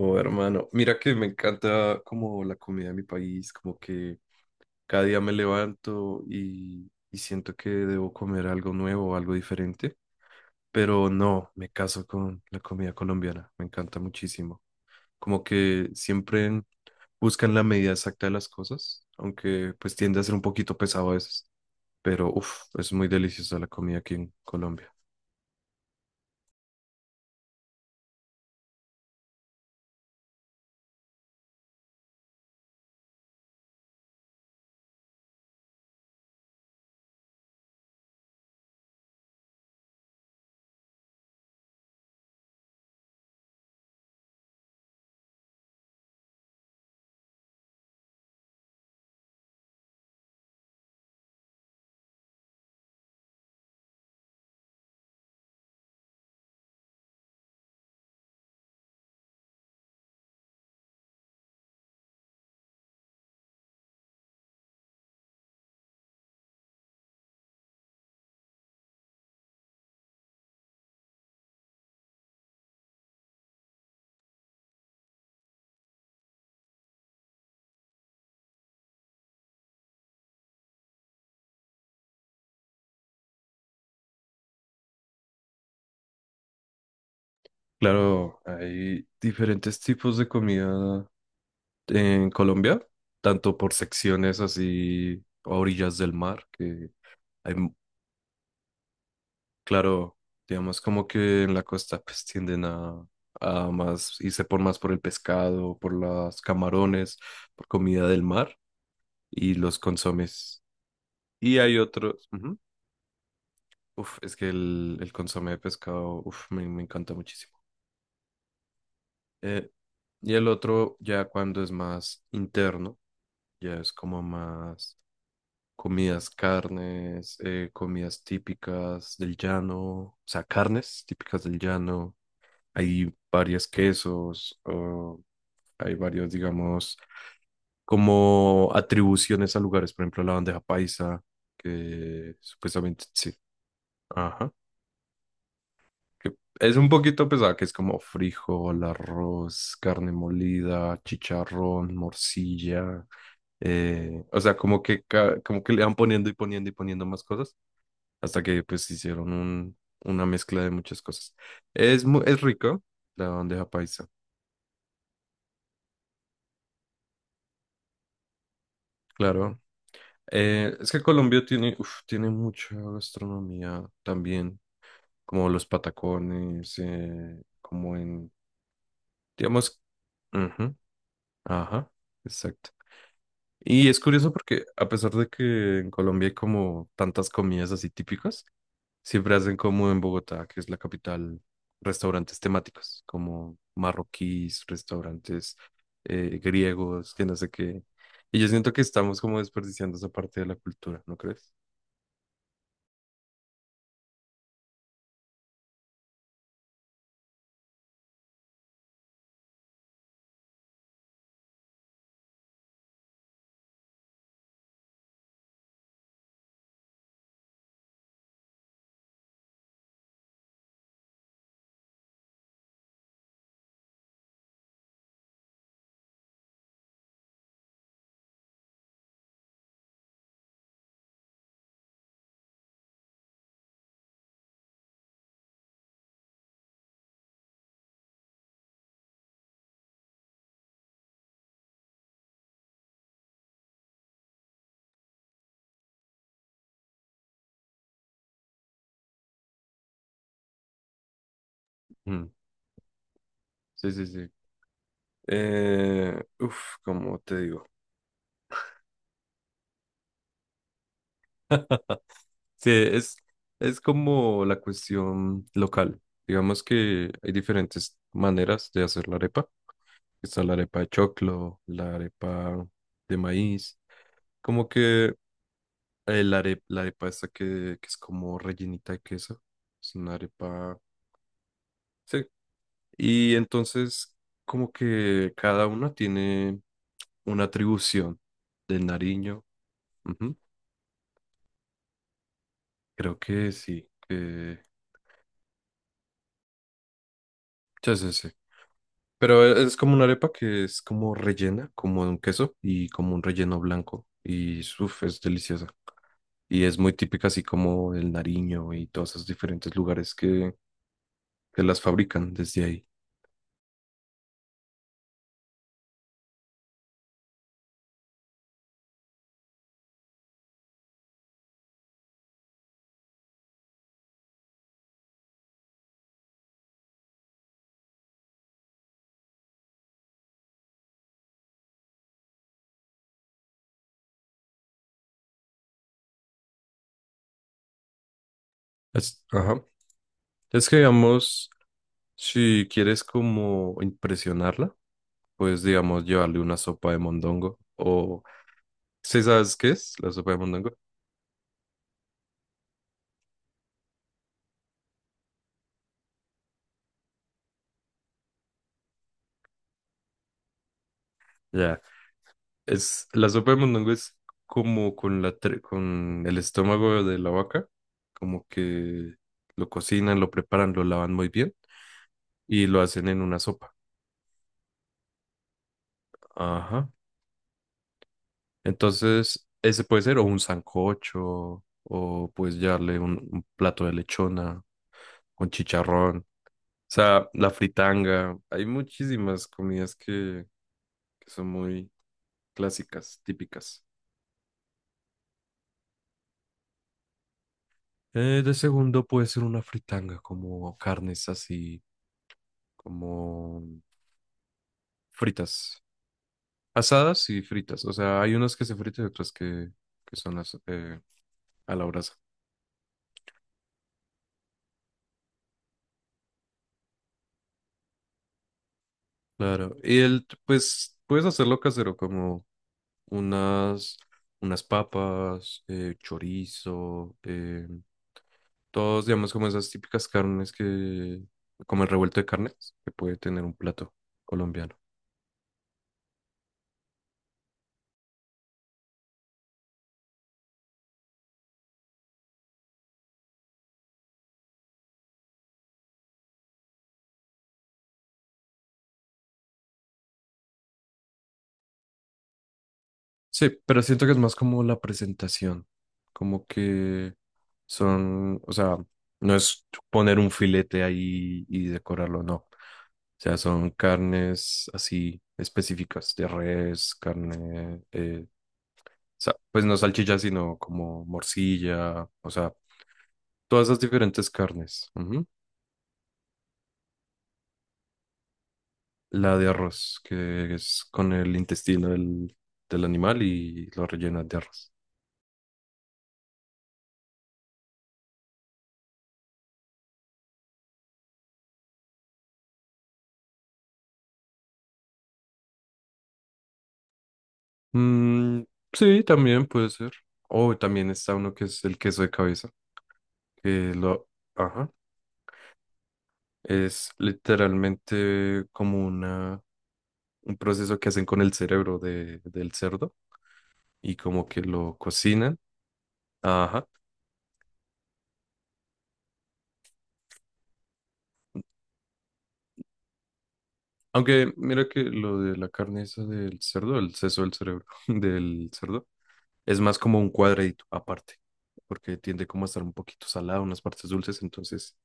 Oh, hermano, mira que me encanta como la comida de mi país, como que cada día me levanto y siento que debo comer algo nuevo, algo diferente, pero no, me caso con la comida colombiana, me encanta muchísimo. Como que siempre buscan la medida exacta de las cosas, aunque pues tiende a ser un poquito pesado a veces, pero uff, es muy deliciosa la comida aquí en Colombia. Claro, hay diferentes tipos de comida en Colombia, tanto por secciones así a orillas del mar, que hay, mu- claro, digamos como que en la costa pues tienden a más y se por más por el pescado, por los camarones, por comida del mar y los consomes. Y hay otros, ujú. Uf, es que el consomé de pescado, uf, me encanta muchísimo. Eh, y el otro ya cuando es más interno, ya es como más comidas, carnes, comidas típicas del llano, o sea, carnes típicas del llano. Hay varios quesos, o hay varios, digamos, como atribuciones a lugares, por ejemplo, la bandeja paisa, que supuestamente sí, ajá, que es un poquito pesada, que es como frijol, arroz, carne molida, chicharrón, morcilla, o sea, como que, como que le van poniendo y poniendo y poniendo más cosas hasta que pues hicieron una mezcla de muchas cosas. Es, es rico la bandeja paisa, claro. Es que Colombia tiene, uf, tiene mucha gastronomía también, como los patacones, como en, digamos, ujú, ajá, exacto. Y es curioso porque a pesar de que en Colombia hay como tantas comidas así típicas, siempre hacen como en Bogotá, que es la capital, restaurantes temáticos, como marroquíes, restaurantes griegos, que no sé qué. Y yo siento que estamos como desperdiciando esa parte de la cultura, ¿no crees? Mm, sí, sí, sí. Uf, ¿cómo te digo? Sí, es como la cuestión local. Digamos que hay diferentes maneras de hacer la arepa. Está la arepa de choclo, la arepa de maíz. Como que la arepa esta que es como rellenita de queso. Es una arepa. Sí. Y entonces, como que cada una tiene una atribución del Nariño. Ujú. Creo que sí. Ya sé, sí. Pero es como una arepa que es como rellena, como de un queso y como un relleno blanco. Y uf, es deliciosa. Y es muy típica así como del Nariño y todos esos diferentes lugares que las fabrican desde ahí. Ajá. Es que, digamos, si quieres como impresionarla, pues, digamos, llevarle una sopa de mondongo o... ¿Sí sabes qué es la sopa de mondongo? Ya, es... La sopa de mondongo es como con con el estómago de la vaca, como que lo cocinan, lo preparan, lo lavan muy bien y lo hacen en una sopa. Ajá. Entonces, ese puede ser o un sancocho o pues llevarle un plato de lechona con chicharrón. O sea, la fritanga. Hay muchísimas comidas que son muy clásicas, típicas. De segundo puede ser una fritanga, como carnes así, como fritas. Asadas y fritas. O sea, hay unas que se fritan y otras que son las a la brasa. Claro. Y el, pues, puedes hacerlo casero, como unas, unas papas, chorizo, todos, digamos, como esas típicas carnes que, como el revuelto de carnes, que puede tener un plato colombiano. Sí, pero siento que es más como la presentación, como que son, o sea, no es poner un filete ahí y decorarlo, no. O sea, son carnes así específicas, de res, carne, o pues no salchicha, sino como morcilla, o sea, todas esas diferentes carnes. Ujú. La de arroz, que es con el intestino del animal y lo rellenas de arroz. Mm, sí, también puede ser. O también está uno que es el queso de cabeza, que lo... Ajá. Es literalmente como una, un proceso que hacen con el cerebro de, del cerdo y como que lo cocinan. Ajá. Aunque mira que lo de la carne esa del cerdo, el seso del cerebro del cerdo, es más como un cuadradito aparte, porque tiende como a estar un poquito salado, unas partes dulces, entonces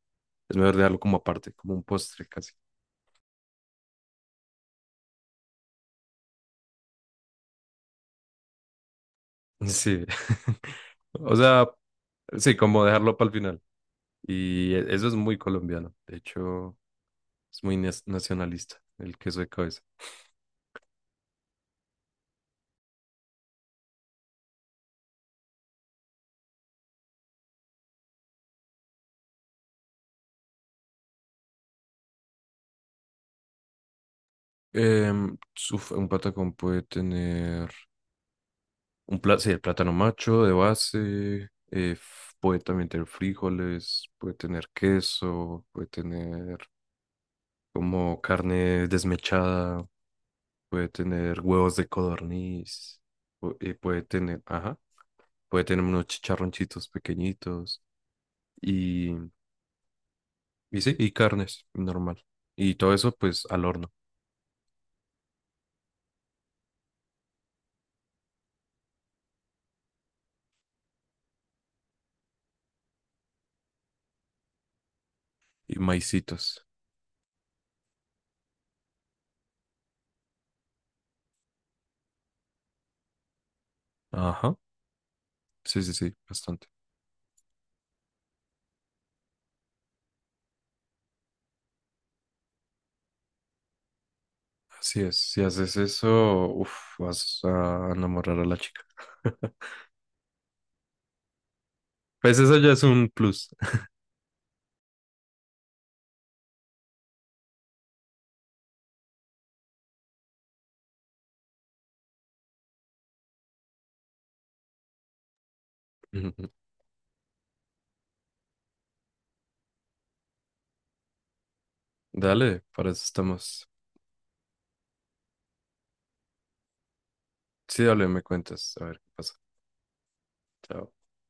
es mejor dejarlo como aparte, como un postre casi. Sí. O sea, sí, como dejarlo para el final. Y eso es muy colombiano. De hecho, es muy nacionalista el queso de cabeza. Em, Uf, un patacón puede tener un plátano, sí, el plátano macho de base. Puede también tener frijoles, puede tener queso, puede tener como carne desmechada, puede tener huevos de codorniz, puede tener, ajá, puede tener unos chicharroncitos pequeñitos y, y sí, y carnes normal. Y todo eso pues al horno y maicitos. Ajá, sí, sí, sí, bastante. Así es, si haces eso, uf, vas a enamorar a la chica. Pues eso ya es un plus. Dale, para eso estamos. Sí, dale, me cuentas, a ver qué pasa. Chao.